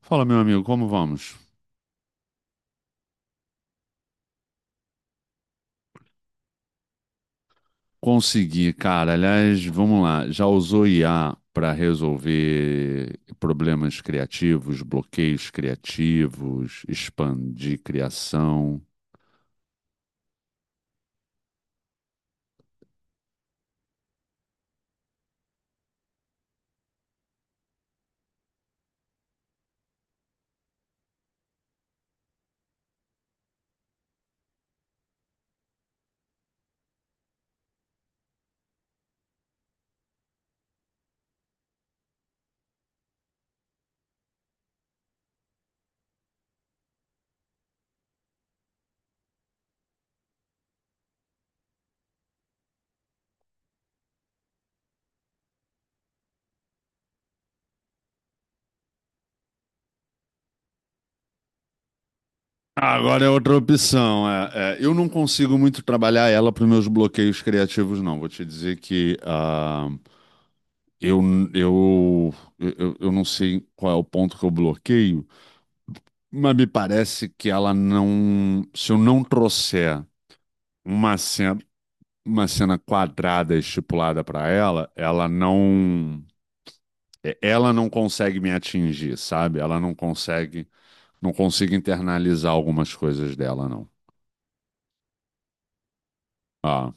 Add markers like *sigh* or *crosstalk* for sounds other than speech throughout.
Fala, meu amigo, como vamos? Consegui, cara. Aliás, vamos lá. Já usou IA para resolver problemas criativos, bloqueios criativos, expandir criação? Agora é outra opção. Eu não consigo muito trabalhar ela para os meus bloqueios criativos, não. Vou te dizer que eu, eu, eu não sei qual é o ponto que eu bloqueio, mas me parece que ela não. Se eu não trouxer uma cena. Uma cena quadrada estipulada pra ela, ela não ela não consegue me atingir, sabe? Ela não consegue, não consigo internalizar algumas coisas dela, não. Ah,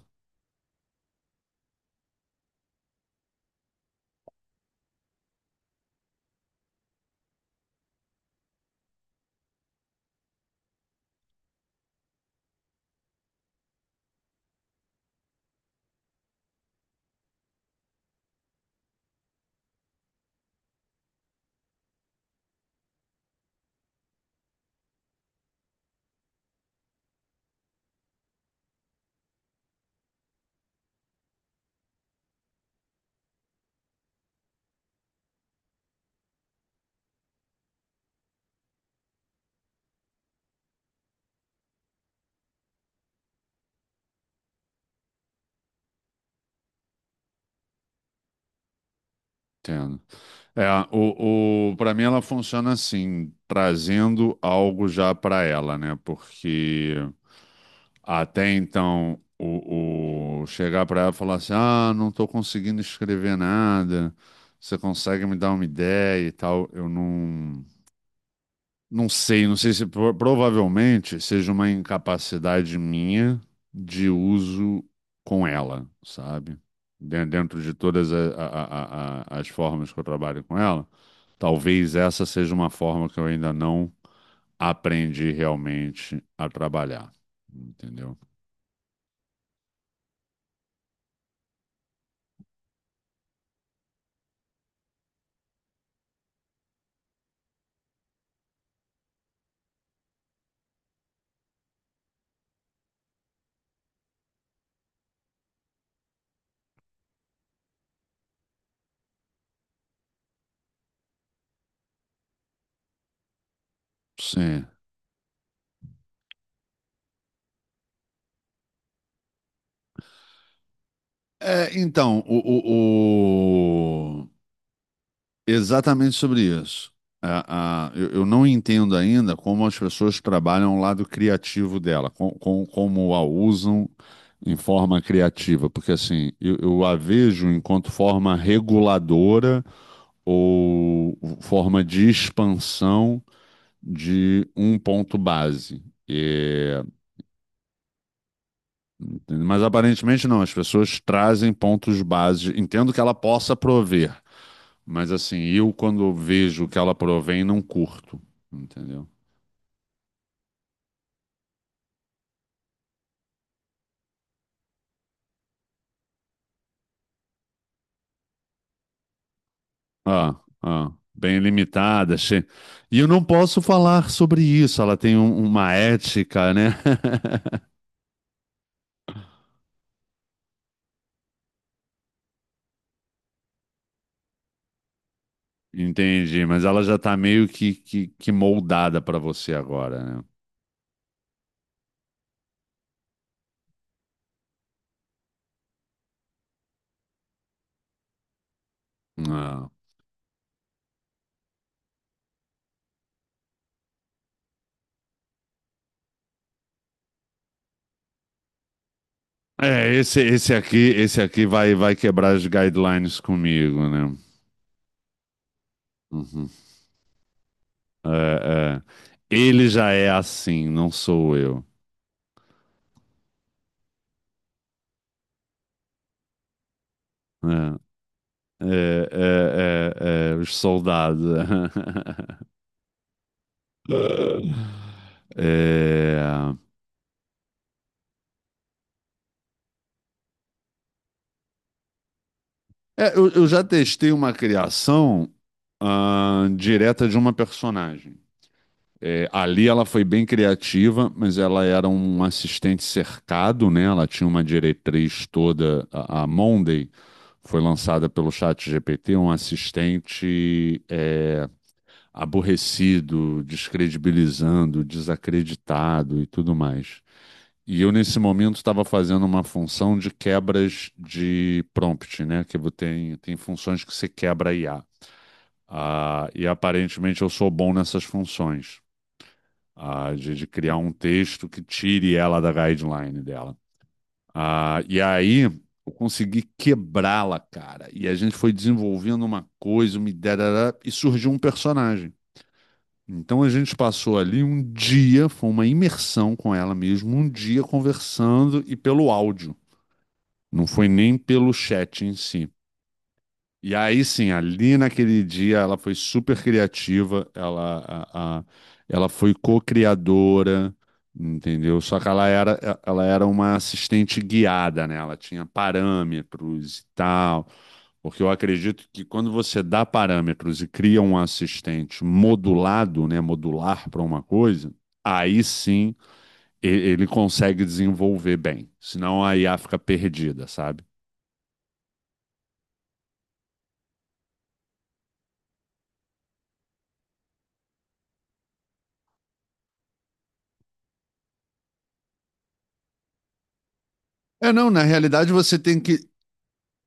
entendo. É, para mim ela funciona assim, trazendo algo já pra ela, né? Porque até então o chegar pra ela e falar assim, ah, não tô conseguindo escrever nada. Você consegue me dar uma ideia e tal? Eu não Não sei, não sei se provavelmente seja uma incapacidade minha de uso com ela, sabe? Dentro de todas as formas que eu trabalho com ela, talvez essa seja uma forma que eu ainda não aprendi realmente a trabalhar, entendeu? Sim. É, então, exatamente sobre isso. Eu não entendo ainda como as pessoas trabalham o lado criativo dela, como a usam em forma criativa, porque assim, eu a vejo enquanto forma reguladora ou forma de expansão de um ponto base. É, mas aparentemente não, as pessoas trazem pontos base, entendo que ela possa prover. Mas assim, eu quando vejo que ela provém, não curto, entendeu? Bem limitada. E eu não posso falar sobre isso, ela tem uma ética, né? *laughs* Entendi, mas ela já tá meio que moldada pra você agora, né? Ah. É, esse aqui vai, vai quebrar as guidelines comigo, né? Uhum. É, é. Ele já é assim, não sou eu. É. Os soldados. *laughs* É, é, eu já testei uma criação direta de uma personagem. É, ali ela foi bem criativa, mas ela era um assistente cercado, né? Ela tinha uma diretriz toda. A Monday foi lançada pelo ChatGPT, um assistente aborrecido, descredibilizando, desacreditado e tudo mais. E eu, nesse momento, estava fazendo uma função de quebras de prompt, né? Tem funções que você quebra IA. E aparentemente eu sou bom nessas funções, de criar um texto que tire ela da guideline dela. E aí eu consegui quebrá-la, cara. E a gente foi desenvolvendo uma coisa, uma ideia, e surgiu um personagem. Então a gente passou ali um dia, foi uma imersão com ela mesmo, um dia conversando e pelo áudio. Não foi nem pelo chat em si. E aí sim, ali naquele dia ela foi super criativa, ela, ela foi co-criadora, entendeu? Só que ela era, ela era uma assistente guiada, né? Ela tinha parâmetros e tal, porque eu acredito que quando você dá parâmetros e cria um assistente modulado, né? Modular para uma coisa, aí sim ele consegue desenvolver bem, senão a IA fica perdida, sabe? É, não, na realidade você tem que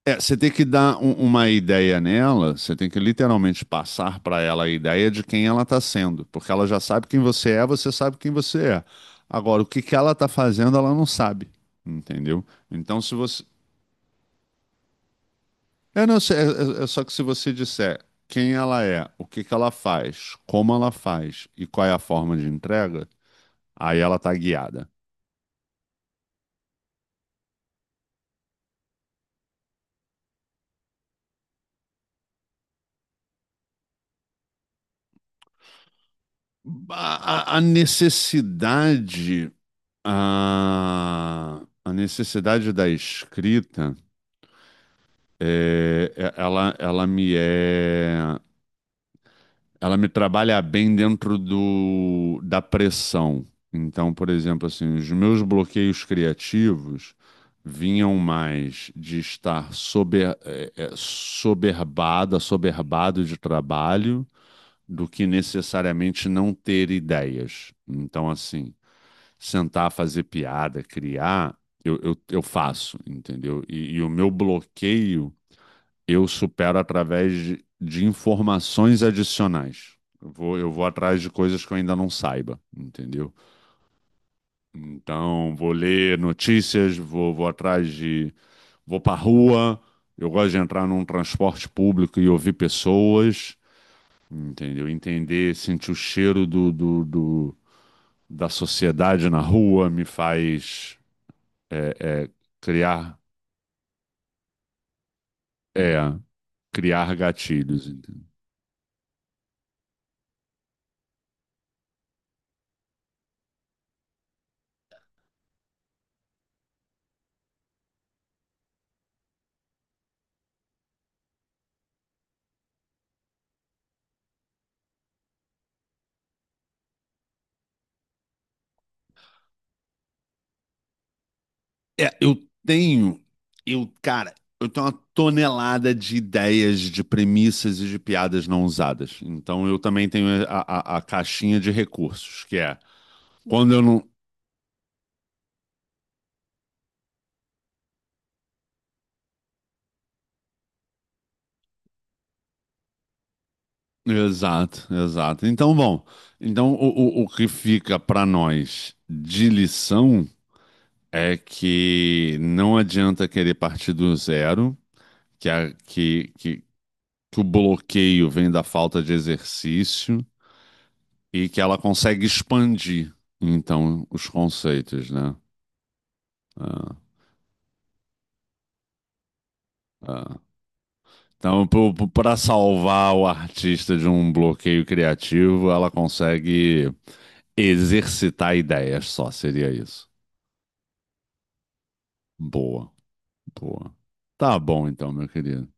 É, você tem que dar uma ideia nela, você tem que literalmente passar para ela a ideia de quem ela está sendo, porque ela já sabe quem você é, você sabe quem você é. Agora, o que que ela está fazendo, ela não sabe, entendeu? Então, se você. É, não, é só que se você disser quem ela é, o que que ela faz, como ela faz e qual é a forma de entrega, aí ela está guiada. A necessidade. A necessidade da escrita. Ela me ela me trabalha bem dentro do, da pressão. Então, por exemplo, assim, os meus bloqueios criativos vinham mais de estar sober, soberbada, soberbado de trabalho, do que necessariamente não ter ideias. Então, assim, sentar, fazer piada, criar, eu faço, entendeu? E e o meu bloqueio eu supero através de informações adicionais. Eu vou atrás de coisas que eu ainda não saiba, entendeu? Então, vou ler notícias, vou, vou atrás de. Vou pra rua, eu gosto de entrar num transporte público e ouvir pessoas, entendeu? Entender, sentir o cheiro da sociedade na rua me faz é, é, criar, é, criar gatilhos, entendeu? É, eu tenho, eu, cara, eu tenho uma tonelada de ideias, de premissas e de piadas não usadas. Então eu também tenho a, a caixinha de recursos, que é quando eu não. Exato, exato. Então, bom, então o que fica para nós de lição é que não adianta querer partir do zero, que, a, que, que o bloqueio vem da falta de exercício. E que ela consegue expandir, então, os conceitos, né? Ah, ah. Então, para salvar o artista de um bloqueio criativo, ela consegue exercitar ideias só, seria isso. Boa, boa. Tá bom então, meu querido.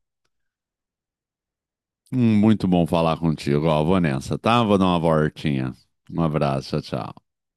Muito bom falar contigo. Ó, vou nessa, tá? Vou dar uma voltinha. Um abraço, tchau, tchau.